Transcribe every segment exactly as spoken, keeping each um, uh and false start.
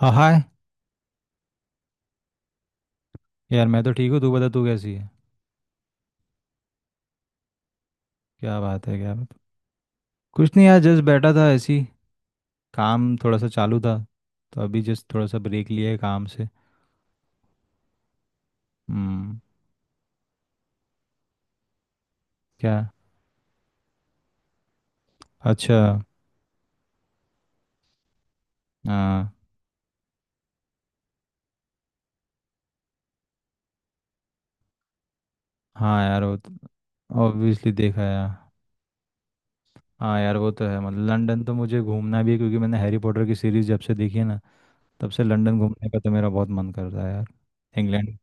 हाँ, हाय। यार मैं तो ठीक हूँ, तू बता तू कैसी है? क्या बात है क्या बात। कुछ नहीं यार, जस्ट बैठा था ऐसे ही। काम थोड़ा सा चालू था तो अभी जस्ट थोड़ा सा ब्रेक लिया है काम से। हम्म। क्या? अच्छा। हाँ, हाँ यार वो तो ऑब्वियसली देखा है हाँ। हाँ यार वो तो है, मतलब लंदन तो मुझे घूमना भी है क्योंकि मैंने हैरी पॉटर की सीरीज जब से देखी है ना, तब से लंदन घूमने का तो मेरा बहुत मन करता है यार। इंग्लैंड।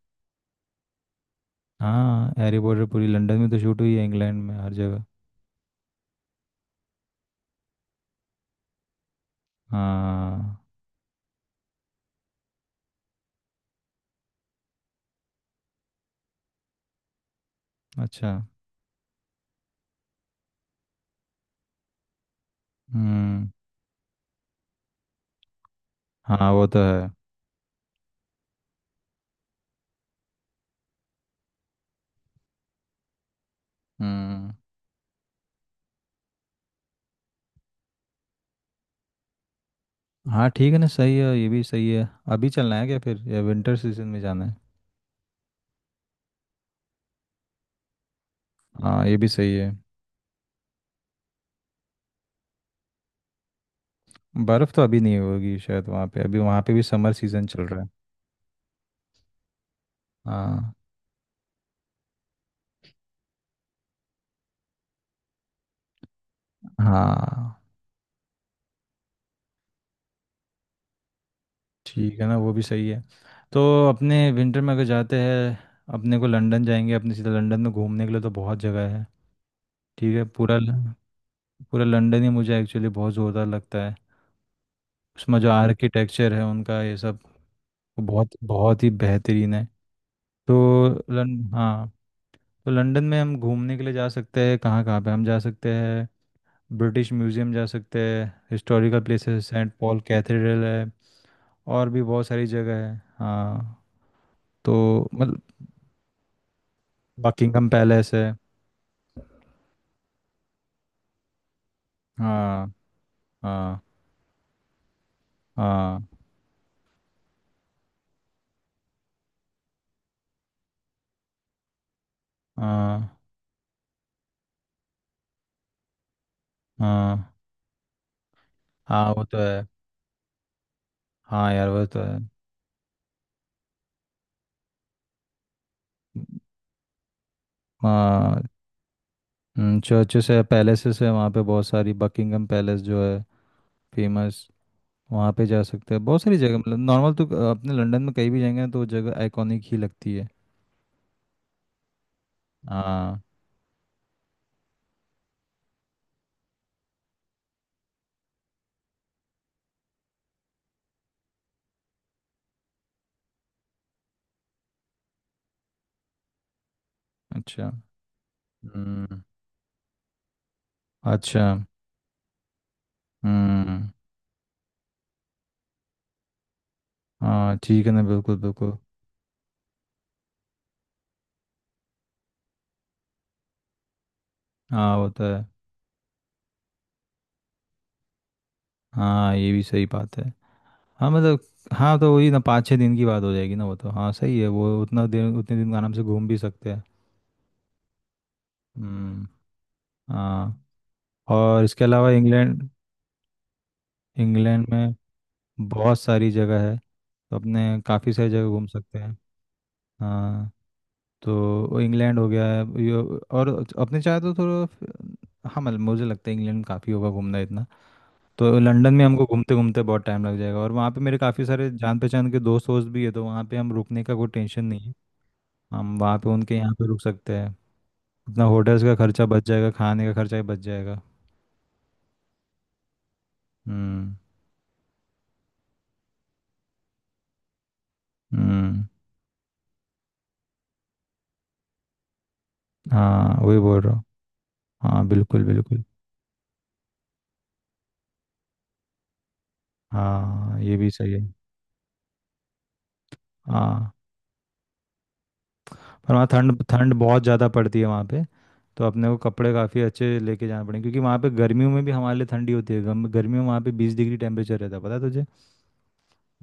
हाँ हैरी पॉटर पूरी लंदन में तो शूट हुई है, इंग्लैंड में हर जगह। हाँ। अच्छा। हम्म। हाँ वो तो है। हम्म। हाँ ठीक है ना, सही है, ये भी सही है। अभी चलना है क्या फिर या विंटर सीजन में जाना है? हाँ ये भी सही है। बर्फ़ तो अभी नहीं होगी शायद वहाँ पे, अभी वहाँ पे भी समर सीजन चल रहा है। हाँ। हाँ ठीक है ना, वो भी सही है। तो अपने विंटर में अगर जाते हैं अपने को लंदन जाएंगे, अपने सीधे लंदन में घूमने के लिए तो बहुत जगह है। ठीक है। पूरा ल- पूरा लंदन ही मुझे एक्चुअली बहुत ज़ोरदार लगता है। उसमें जो आर्किटेक्चर है उनका ये सब वो बहुत बहुत ही बेहतरीन है। तो लन हाँ, तो लंदन में हम घूमने के लिए जा सकते हैं, कहाँ कहाँ पे हम जा सकते हैं? ब्रिटिश म्यूजियम जा सकते हैं, historical places Saint Paul Cathedral है, और भी बहुत सारी जगह है हाँ। तो मतलब बकिंगम पैलेस है। हाँ हाँ हाँ। हाँ। हाँ। हाँ वो तो है। हाँ यार वो तो है। हाँ। चर्चेस है, पैलेसेस है वहाँ पे बहुत सारी, बकिंगम पैलेस जो है फेमस, वहाँ पे जा सकते हैं, बहुत सारी जगह, मतलब नॉर्मल तो अपने लंदन में कहीं भी जाएंगे ना तो वो जगह आइकॉनिक ही लगती है। हाँ। अच्छा। हम्म। अच्छा। हम्म। हाँ ठीक है ना, बिल्कुल बिल्कुल। हाँ होता है। हाँ ये भी सही बात है। हाँ मतलब हाँ तो वही ना, पाँच छः दिन की बात हो जाएगी ना, वो तो हाँ सही है, वो उतना दिन उतने दिन आराम से घूम भी सकते हैं। हम्म। हाँ। और इसके अलावा इंग्लैंड, इंग्लैंड में बहुत सारी जगह है, तो अपने काफ़ी सारी जगह घूम सकते हैं। हाँ। तो इंग्लैंड हो गया। यो- और अपने चाहे तो थोड़ा, हाँ मतलब मुझे लगता है इंग्लैंड काफ़ी होगा घूमना इतना। तो लंदन में हमको घूमते घूमते बहुत टाइम लग जाएगा, और वहाँ पे मेरे काफ़ी सारे जान पहचान के दोस्त वोस्त भी है, तो वहाँ पे हम रुकने का कोई टेंशन नहीं है। हम वहाँ पे उनके यहाँ पे रुक सकते हैं। अपना होटल्स का खर्चा बच जाएगा, खाने का खर्चा ही बच जाएगा। हम्म। हम्म। हाँ वही बोल रहा हूँ। हाँ बिल्कुल बिल्कुल। हाँ ये भी सही है। हाँ। पर वहाँ ठंड ठंड बहुत ज़्यादा पड़ती है वहाँ पे, तो अपने को कपड़े काफ़ी अच्छे लेके जाना पड़ेंगे, क्योंकि वहाँ पे गर्मियों में भी हमारे लिए ठंडी होती है, गम- गर्मियों में वहाँ पे बीस डिग्री टेम्परेचर रहता है, पता है तुझे?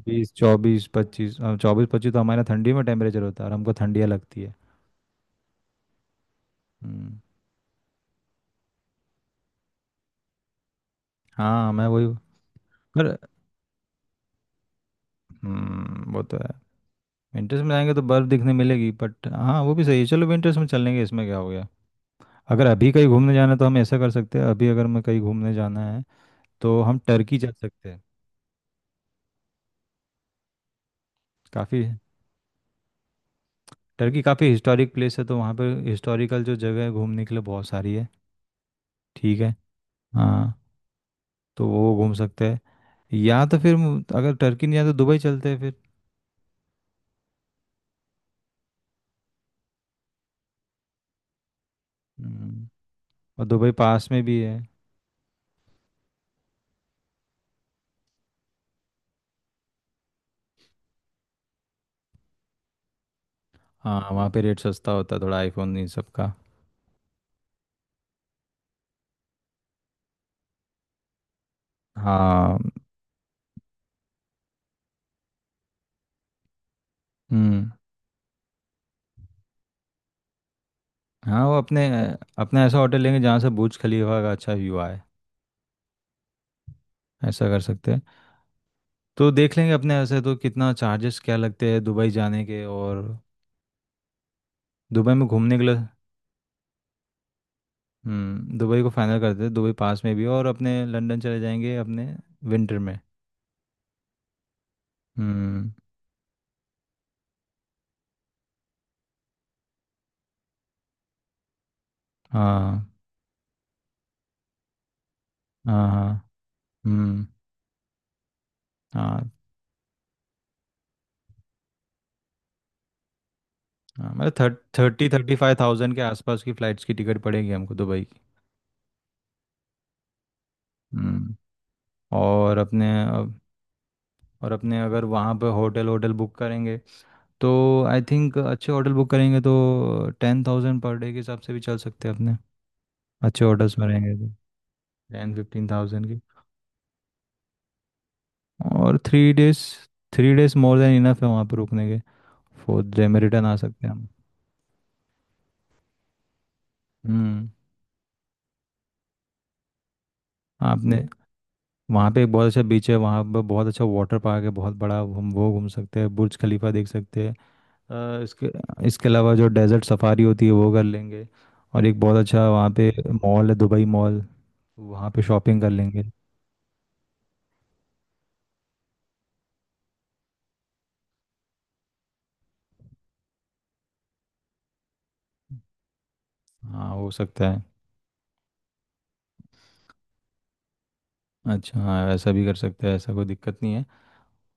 बीस चौबीस पच्चीस, चौबीस पच्चीस तो हमारे यहाँ ठंडी में टेम्परेचर होता है, और हमको ठंडियाँ लगती है। हम्म। हाँ मैं वही। पर। हम्म, वो तो है। विंटर्स में जाएंगे तो बर्फ़ दिखने मिलेगी, बट हाँ वो भी सही है, चलो विंटर्स में चलेंगे, इसमें क्या हो गया। अगर अभी कहीं घूमने जाना है तो हम ऐसा कर सकते हैं, अभी अगर मैं कहीं घूमने जाना है तो हम टर्की जा सकते हैं। काफ़ी। टर्की काफ़ी हिस्टोरिक प्लेस है, तो वहाँ पर हिस्टोरिकल जो जगह है घूमने के लिए बहुत सारी है। ठीक है। हाँ तो वो घूम सकते हैं। या तो फिर मु- अगर टर्की नहीं आया तो दुबई चलते हैं फिर। हम्म। और दुबई पास में भी है। हाँ वहाँ पे रेट सस्ता होता है थोड़ा आईफोन इन सब का। हाँ। हम्म। हाँ वो अपने, अपना ऐसा होटल लेंगे जहाँ से बुर्ज खलीफा का अच्छा व्यू आए, ऐसा कर सकते हैं। तो देख लेंगे अपने ऐसे तो कितना चार्जेस क्या लगते हैं दुबई जाने के, और दुबई में घूमने के लिए। हम्म, दुबई को फाइनल करते हैं, दुबई पास में भी है और अपने लंदन चले जाएंगे अपने विंटर में। हम्म। हाँ। हाँ। हाँ। हम्म। हाँ। हाँ मतलब thirty thirty thirty five thousand के आसपास की फ़्लाइट्स की टिकट पड़ेगी हमको दुबई की। हम्म। और अपने अब- और अपने अगर वहाँ पे होटल होटल बुक करेंगे, तो आई थिंक अच्छे होटल बुक करेंगे तो टेन थाउजेंड पर डे के हिसाब से भी चल सकते हैं अपने। अच्छे होटल्स में रहेंगे तो टेन फिफ्टीन थाउजेंड की। और three days, three days more than enough है वहाँ पे रुकने के, फोर्थ डे में रिटर्न आ सकते हैं हम। हम्म। आपने। वहाँ पे एक बहुत अच्छा बीच है, वहाँ पे बहुत अच्छा वाटर पार्क है बहुत बड़ा, हम वो घूम सकते हैं, बुर्ज खलीफा देख सकते हैं। अ, इसके इसके अलावा जो डेजर्ट सफारी होती है वो कर लेंगे। और एक बहुत अच्छा वहाँ पे मॉल है, दुबई मॉल, वहाँ पे शॉपिंग कर लेंगे। हाँ हो सकता है। अच्छा हाँ ऐसा भी कर सकते हैं, ऐसा कोई दिक्कत नहीं है।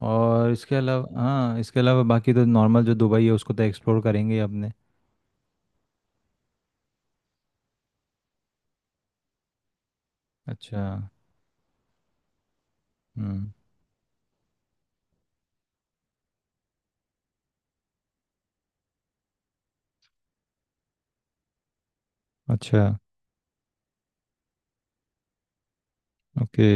और इसके अलावा, हाँ इसके अलावा बाकी तो नॉर्मल जो दुबई है उसको तो एक्सप्लोर करेंगे ही अपने। अच्छा। हम्म। अच्छा। ओके।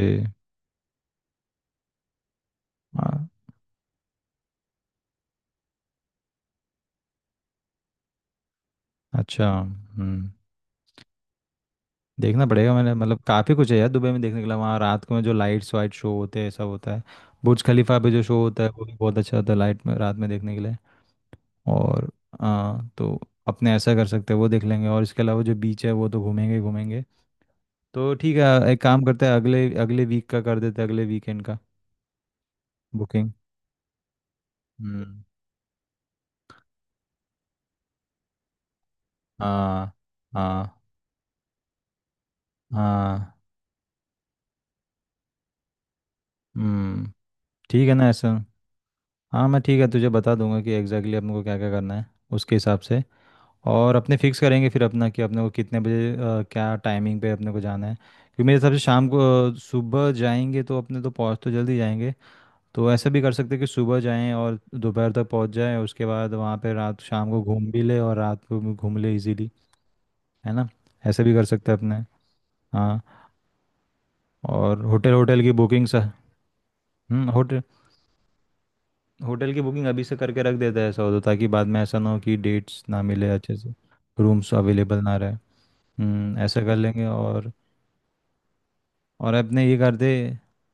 अच्छा। हम्म। देखना पड़ेगा मैंने, मतलब काफ़ी कुछ है यार दुबई में देखने के लिए, वहाँ रात को में जो लाइट्स वाइट शो होते हैं सब होता है। बुर्ज खलीफा पे जो शो होता है वो भी बहुत अच्छा होता है लाइट में रात में देखने के लिए। और हाँ तो अपने ऐसा कर सकते हैं, वो देख लेंगे, और इसके अलावा जो बीच है वो तो घूमेंगे ही घूमेंगे। तो ठीक है, एक काम करते हैं अगले अगले वीक का कर देते हैं, अगले वीकेंड का, बुकिंग। हम्म। हाँ। हाँ। हाँ। हम्म। ठीक है ना ऐसा। हाँ मैं ठीक है तुझे बता दूंगा कि एग्जैक्टली exactly अपने को क्या क्या करना है, उसके हिसाब से। और अपने फिक्स करेंगे फिर अपना कि अपने को कितने बजे, अ, क्या टाइमिंग पे अपने को जाना है, क्योंकि मेरे हिसाब से शाम को, अ, सुबह जाएंगे तो अपने तो पहुंच तो जल्दी जाएंगे। तो ऐसा भी कर सकते हैं कि सुबह जाएं और दोपहर तक पहुंच जाएं, उसके बाद वहां पे रात शाम को घूम भी ले और रात को भी घूम ले इजीली। है ना। ऐसा भी कर सकते हैं अपने। हाँ। और होटल होटल की बुकिंग सा। हम्म, होटल होटल की बुकिंग अभी से करके रख देते हैं ऐसा हो तो, ताकि बाद में ऐसा ना हो कि डेट्स ना मिले अच्छे से, रूम्स अवेलेबल ना रहे। हम्म, ऐसा कर लेंगे। और और अपने ये करते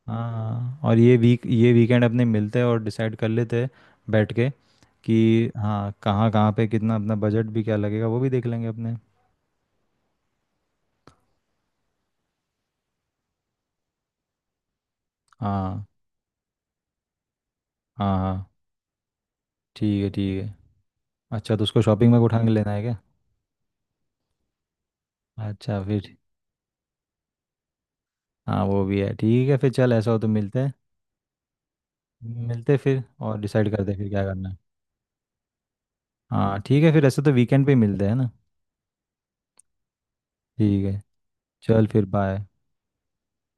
हाँ, और ये वीक ये वीकेंड अपने मिलते और डिसाइड कर लेते हैं बैठ के, कि हाँ कहाँ कहाँ पे कितना अपना बजट भी क्या लगेगा वो भी देख लेंगे अपने। हाँ। हाँ। हाँ। ठीक है। ठीक है। अच्छा तो उसको शॉपिंग में उठा के लेना है क्या? अच्छा फिर। हाँ वो भी है, ठीक है फिर चल, ऐसा हो तो मिलते हैं। मिलते हैं फिर और डिसाइड करते हैं फिर क्या करना है। हाँ ठीक है, फिर ऐसे तो वीकेंड पे ही मिलते हैं ना। ठीक है। चल फिर बाय।